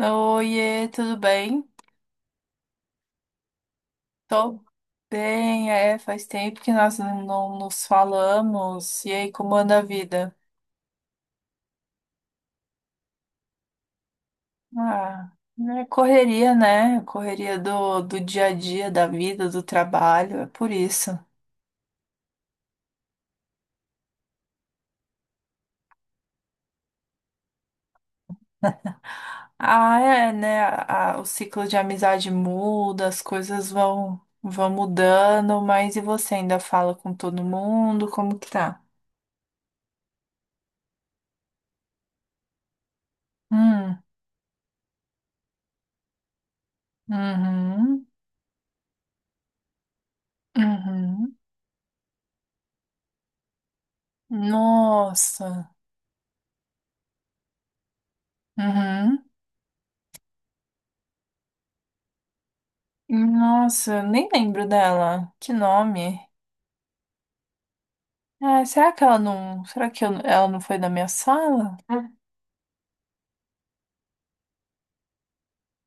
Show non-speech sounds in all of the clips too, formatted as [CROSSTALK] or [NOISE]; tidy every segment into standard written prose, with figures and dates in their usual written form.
Oiê, tudo bem? Tô bem, é, faz tempo que nós não nos falamos. E aí, como anda a vida? Ah, é correria, né? Correria do dia a dia, da vida, do trabalho, é por isso. Ah, é, né? O ciclo de amizade muda, as coisas vão mudando, mas e você ainda fala com todo mundo? Como que tá? Hum, uhum, uhum. Nossa, uhum. Nossa, nem lembro dela. Que nome? Ah, será que ela não. Será que ela não foi da minha sala? Ah.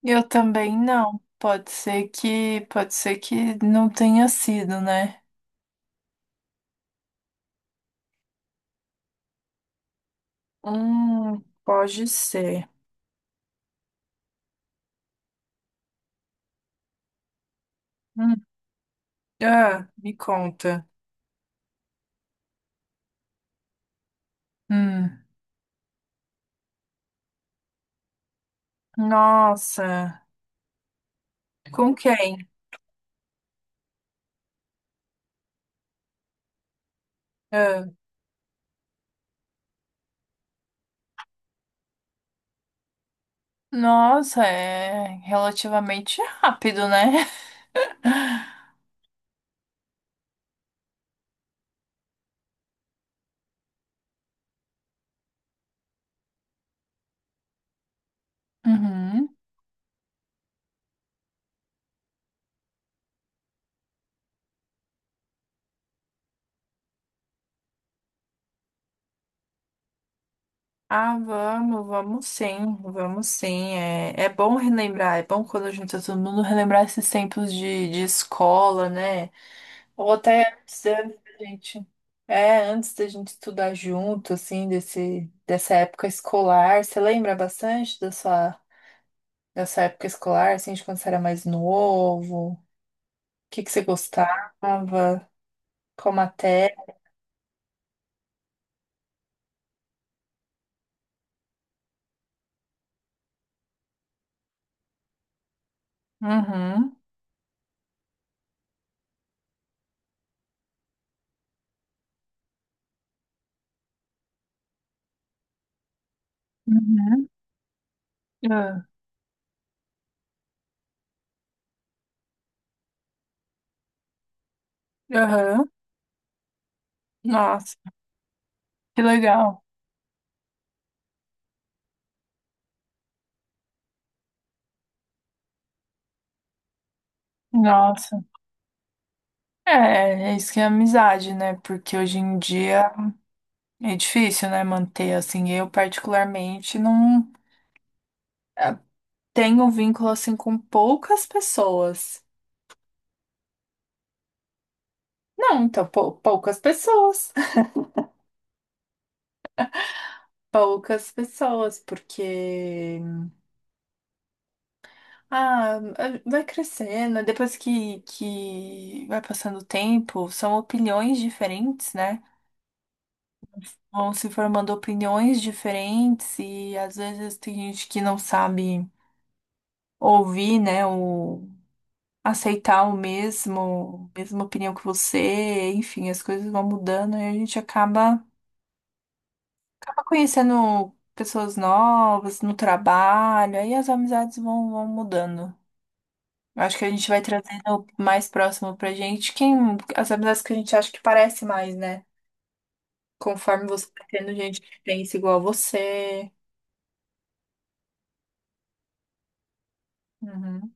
Eu também não. Pode ser que. Pode ser que não tenha sido, né? Pode ser. Hum. Ah, me conta. Hum. Nossa. Com quem? Ah. Nossa, é relativamente rápido, né? [LAUGHS] Uhum. Ah, vamos, vamos sim, vamos sim. É, é bom relembrar, é bom quando a gente tá todo mundo relembrar esses tempos de escola, né? Ou até antes, antes da gente. É, antes da gente estudar junto, assim, dessa época escolar. Você lembra bastante dessa época escolar, assim, de quando você era mais novo? O que que você gostava? Qual matéria? Uhum. Uhum. Ah, aham. Nossa, que legal. Nossa. É, é isso que é amizade, né? Porque hoje em dia é difícil, né, manter assim. Eu particularmente não eh, tenho vínculo assim com poucas pessoas. Não, então poucas pessoas. [LAUGHS] Poucas pessoas, porque ah, vai crescendo, depois que vai passando o tempo, são opiniões diferentes, né? Vão se formando opiniões diferentes e às vezes tem gente que não sabe ouvir, né, o aceitar o mesma opinião que você, enfim, as coisas vão mudando e a gente acaba conhecendo pessoas novas no trabalho, aí as amizades vão mudando. Eu acho que a gente vai trazendo mais próximo pra gente quem, as amizades que a gente acha que parece mais, né? Conforme você vai tendo gente que pensa igual a você. Uhum.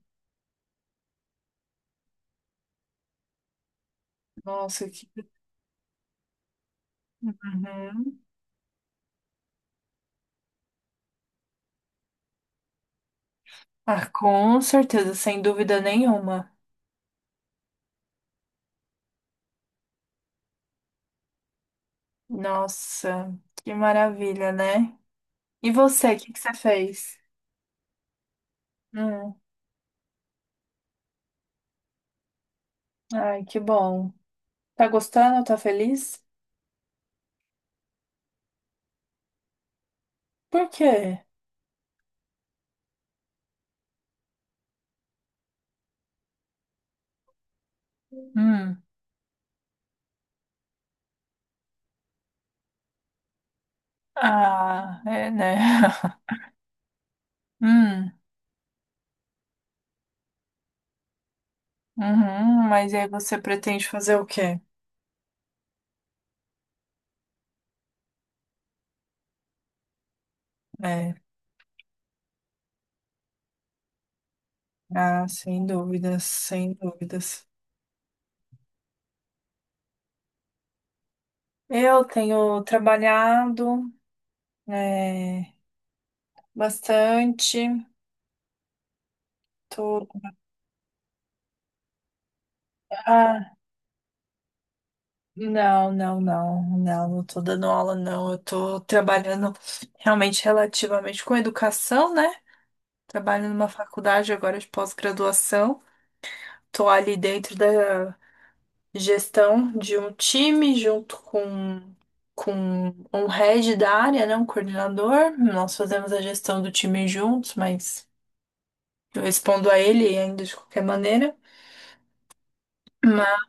Nossa, que... Uhum. Ah, com certeza, sem dúvida nenhuma. Nossa, que maravilha, né? E você, o que que você fez? Hum, ai, que bom. Tá gostando? Tá feliz? Por quê? Hum, ah, é, né? [LAUGHS] Hum, uhum, mas aí você pretende fazer o quê? É, ah, sem dúvidas, sem dúvidas. Eu tenho trabalhado, é, bastante. Tô... Ah, não, não, não, não, não tô dando aula, não. Eu tô trabalhando realmente relativamente com educação, né? Trabalho numa faculdade agora de pós-graduação. Tô ali dentro da gestão de um time junto com um head da área, né? Um coordenador. Nós fazemos a gestão do time juntos, mas eu respondo a ele ainda de qualquer maneira.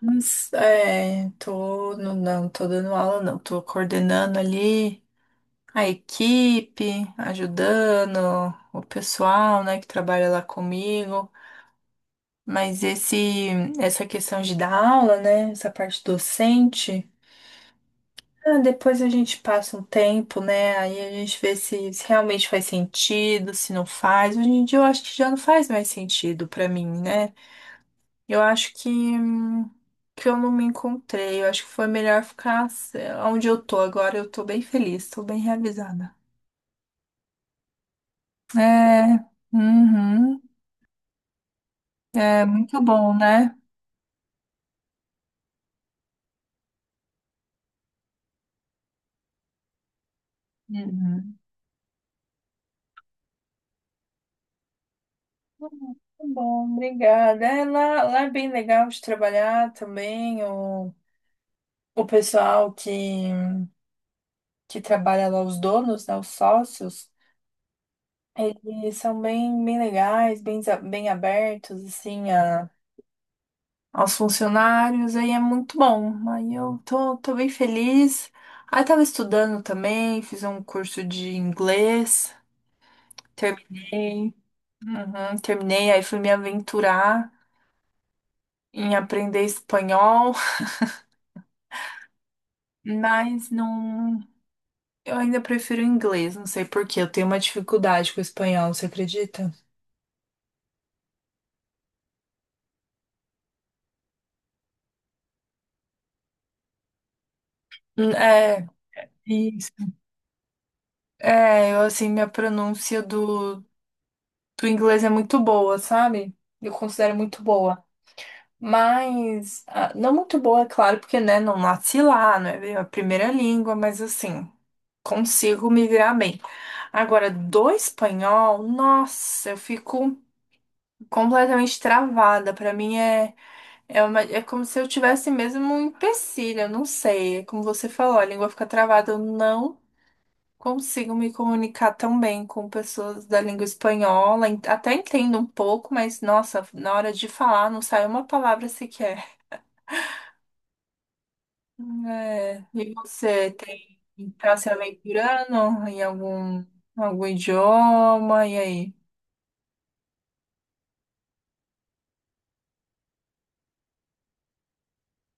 Mas é, tô, não tô dando aula, não. Tô coordenando ali a equipe, ajudando o pessoal, né, que trabalha lá comigo. Mas essa questão de dar aula, né? Essa parte docente, depois a gente passa um tempo, né? Aí a gente vê se realmente faz sentido, se não faz. Hoje em dia eu acho que já não faz mais sentido pra mim, né? Eu acho que eu não me encontrei. Eu acho que foi melhor ficar sei lá, onde eu tô agora. Eu tô bem feliz, tô bem realizada. É, uhum, é muito bom, né? Uhum. Tá bom, obrigada. É, lá é bem legal de trabalhar também. O pessoal que trabalha lá, os donos, né, os sócios, eles são bem, bem legais, bem, bem abertos, assim, aos funcionários. Aí é muito bom. Aí eu tô bem feliz. Aí tava estudando também, fiz um curso de inglês, terminei. Uhum, terminei, aí fui me aventurar em aprender espanhol. Mas não. Eu ainda prefiro o inglês, não sei por quê. Eu tenho uma dificuldade com o espanhol, você acredita? É, isso. É, eu assim, minha pronúncia do inglês é muito boa, sabe? Eu considero muito boa. Mas, ah, não muito boa, é claro, porque, né, não nasci lá, não é a primeira língua, mas assim, consigo me virar bem. Agora, do espanhol, nossa, eu fico completamente travada. Pra mim é. É, é como se eu tivesse mesmo um empecilho, eu não sei. É como você falou, a língua fica travada. Eu não consigo me comunicar tão bem com pessoas da língua espanhola. Até entendo um pouco, mas nossa, na hora de falar não sai uma palavra sequer. É, e você tem tá se aventurando em algum idioma? E aí?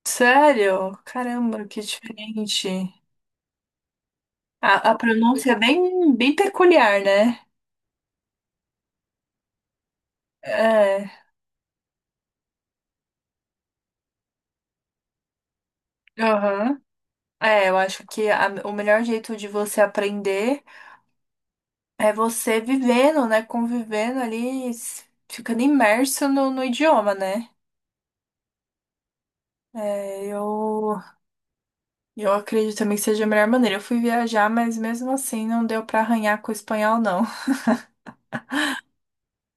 Sério? Caramba, que diferente. A pronúncia é bem, bem peculiar, né? É. Aham. É, eu acho que o melhor jeito de você aprender é você vivendo, né? Convivendo ali, ficando imerso no idioma, né? É, eu acredito também que seja a melhor maneira. Eu fui viajar, mas mesmo assim não deu pra arranhar com o espanhol, não.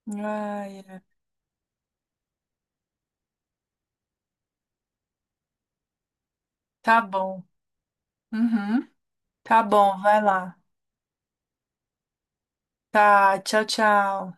Ai, é. Tá bom. Uhum. Tá bom, vai lá. Tá, tchau, tchau.